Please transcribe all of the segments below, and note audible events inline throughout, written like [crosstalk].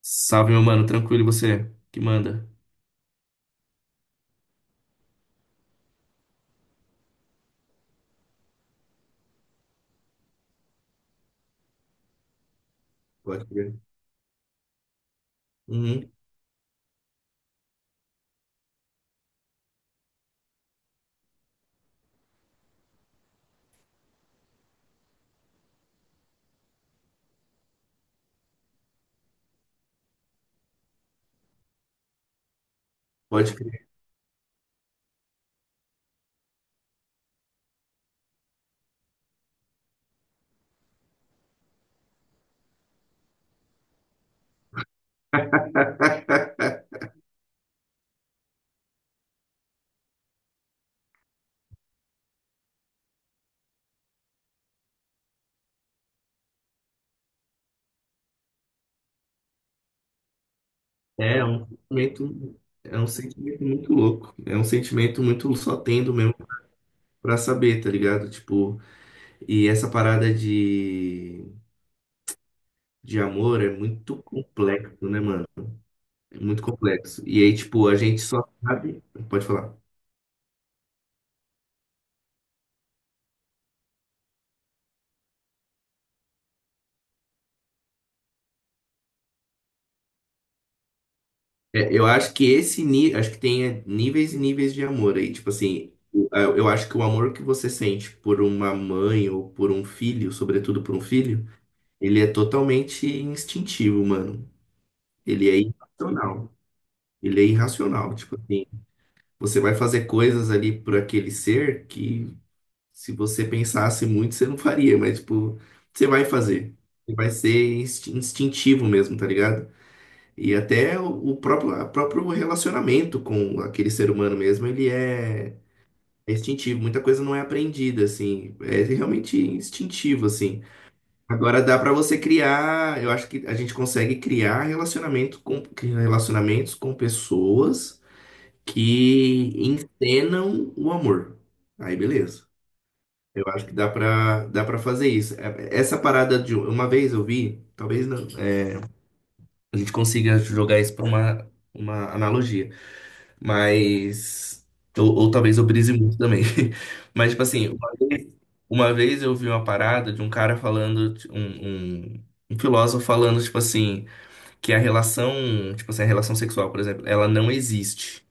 Salve, meu mano, tranquilo, e você? Que manda? Pode crer. Uhum, pode crer. [laughs] É um sentimento, é um sentimento muito louco. É um sentimento muito só tendo mesmo pra saber, tá ligado? Tipo, e essa parada de amor é muito complexo, né, mano? É muito complexo. E aí, tipo, a gente só sabe. Pode falar. É, eu acho que esse nível, acho que tem níveis e níveis de amor aí. Tipo assim, eu acho que o amor que você sente por uma mãe ou por um filho, sobretudo por um filho, ele é totalmente instintivo, mano. Ele é irracional. Ele é irracional. Tipo assim, você vai fazer coisas ali por aquele ser que, se você pensasse muito, você não faria, mas tipo, você vai fazer. Você vai ser instintivo mesmo, tá ligado? E até o próprio, a próprio relacionamento com aquele ser humano mesmo, ele é instintivo. Muita coisa não é aprendida, assim. É realmente instintivo, assim. Agora dá para você criar, eu acho que a gente consegue criar relacionamento com, relacionamentos com pessoas que encenam o amor. Aí, beleza. Eu acho que dá para fazer isso. Essa parada de uma vez eu vi, talvez não, é, a gente consiga jogar isso para uma analogia. Mas. Ou, talvez eu brise muito também. [laughs] Mas, tipo assim, uma vez eu vi uma parada de um cara falando, um filósofo falando, tipo assim, que a relação, tipo assim, a relação sexual, por exemplo, ela não existe.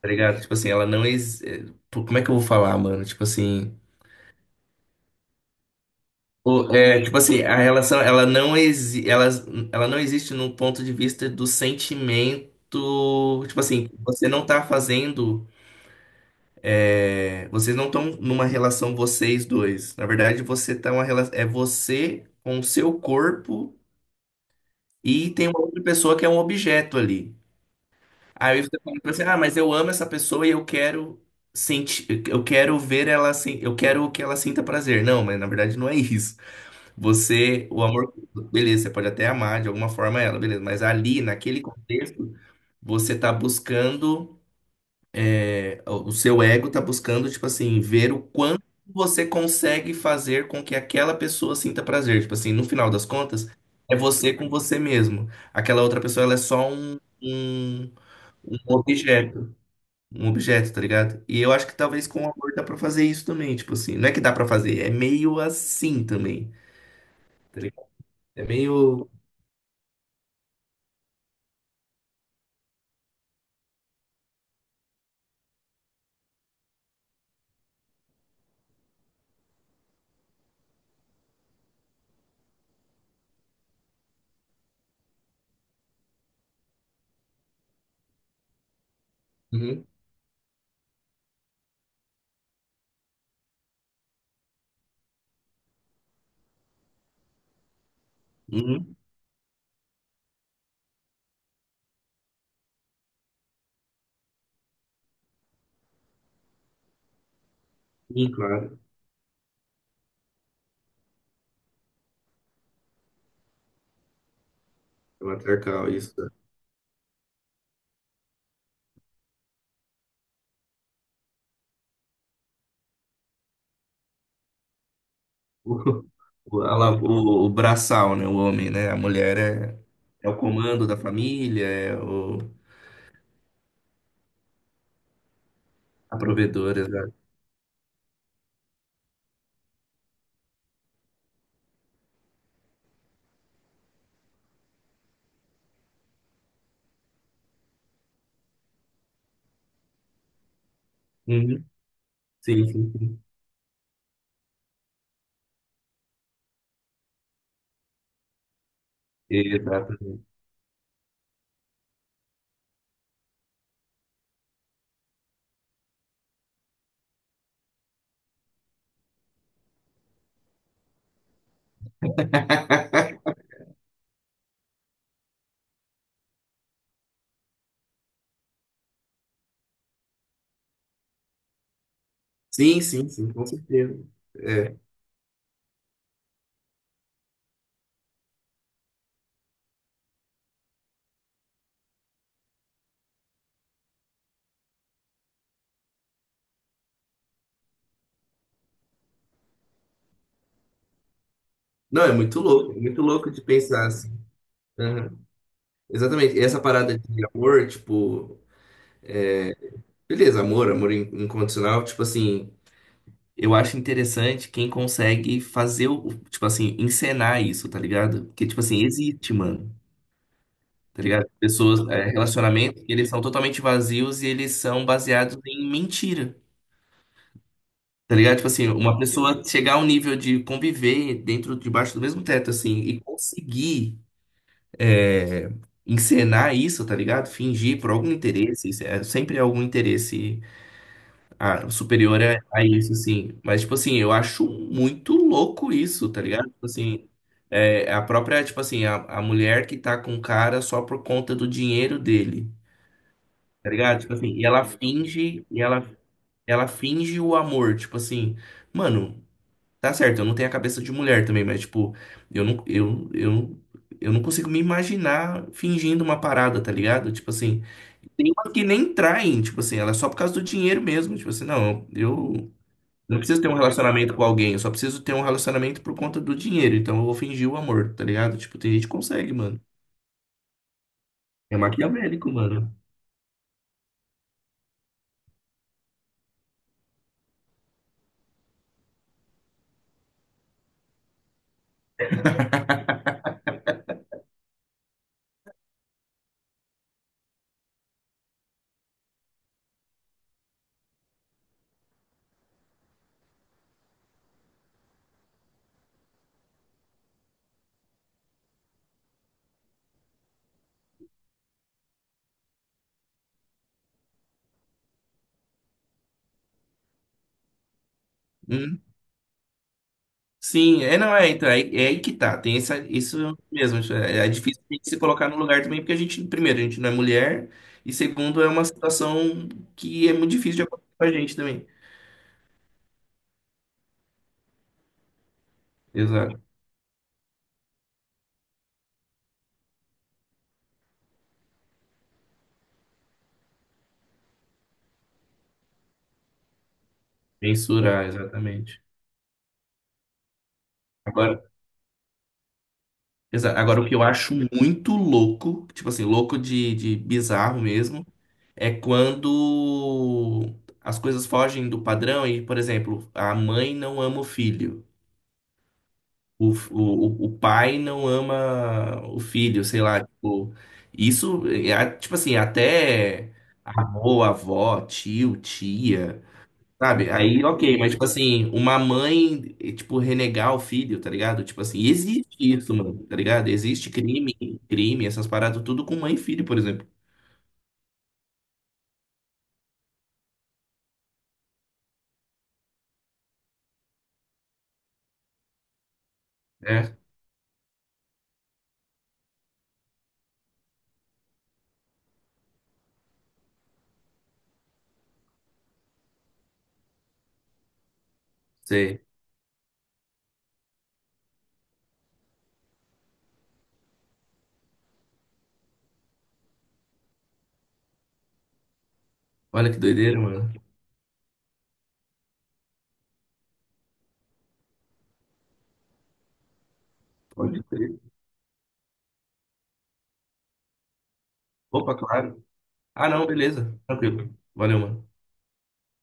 Tá ligado? Tipo assim, ela não existe. Como é que eu vou falar, mano? Tipo assim. É, tipo assim, a relação, ela não existe no ponto de vista do sentimento. Tipo assim, você não tá fazendo. É, vocês não estão numa relação, vocês dois. Na verdade, você tá uma relação. É você com o seu corpo, e tem uma outra pessoa que é um objeto ali. Aí você fala pra você, ah, mas eu amo essa pessoa e eu quero sentir, eu quero ver ela assim, eu quero que ela sinta prazer. Não, mas na verdade não é isso. Você, o amor, beleza, você pode até amar de alguma forma ela, beleza, mas ali, naquele contexto, você tá buscando. É, o seu ego tá buscando, tipo assim, ver o quanto você consegue fazer com que aquela pessoa sinta prazer. Tipo assim, no final das contas, é você com você mesmo. Aquela outra pessoa, ela é só um objeto. Um objeto, tá ligado? E eu acho que talvez com o amor dá pra fazer isso também. Tipo assim, não é que dá pra fazer, é meio assim também, tá ligado? É meio. Uhum. Uhum. Sim, claro. É matriarcal, isso. O, o braçal, né? O homem, né? A mulher é, é o comando da família, é o, a provedora, exato. Uhum. Sim, sim, sim. Exatamente. Sim, sim, sim, com certeza. É. Não, é muito louco de pensar assim. Uhum. Exatamente. E essa parada de amor, tipo, beleza, amor, incondicional, tipo assim, eu acho interessante quem consegue fazer o, tipo assim, encenar isso, tá ligado? Porque, tipo assim, existe, mano. Tá ligado? Pessoas, é, relacionamentos, que eles são totalmente vazios e eles são baseados em mentira. Tá ligado? Tipo assim, uma pessoa chegar a um nível de conviver dentro, debaixo do mesmo teto, assim, e conseguir é, encenar isso, tá ligado? Fingir por algum interesse, isso é sempre algum interesse ah, superior a isso, assim. Mas, tipo assim, eu acho muito louco isso, tá ligado? Tipo assim, é, a própria, tipo assim, a mulher que tá com o cara só por conta do dinheiro dele. Tá ligado? Tipo assim, e ela finge, ela finge o amor, tipo assim, mano, tá certo, eu não tenho a cabeça de mulher também, mas tipo, eu não, eu, eu, eu não consigo me imaginar fingindo uma parada, tá ligado? Tipo assim, tem umas que nem traem, tipo assim, ela é só por causa do dinheiro mesmo, tipo assim, não, eu não preciso ter um relacionamento com alguém, eu só preciso ter um relacionamento por conta do dinheiro, então eu vou fingir o amor, tá ligado? Tipo, tem gente que consegue, mano. É maquiavélico, mano. Uhum. Sim, é, não, é, então, é, é aí que tá, tem essa, isso mesmo, isso é, é difícil a gente se colocar no lugar também, porque a gente, primeiro, a gente não é mulher, e segundo, é uma situação que é muito difícil de acontecer com a gente também. Exato, mensurar exatamente. Agora, agora, o que eu acho muito louco, tipo assim, louco de bizarro mesmo, é quando as coisas fogem do padrão e, por exemplo, a mãe não ama o filho. O pai não ama o filho, sei lá, tipo, isso, é, tipo assim, até avô, avó, tio, tia, sabe? Aí, ok, mas, tipo assim, uma mãe, tipo, renegar o filho, tá ligado? Tipo assim, existe isso, mano, tá ligado? Existe crime, essas paradas, tudo com mãe e filho, por exemplo. É, sei. Olha que doideira, mano. Pode crer. Opa, claro. Ah, não, beleza. Tranquilo. Valeu, mano.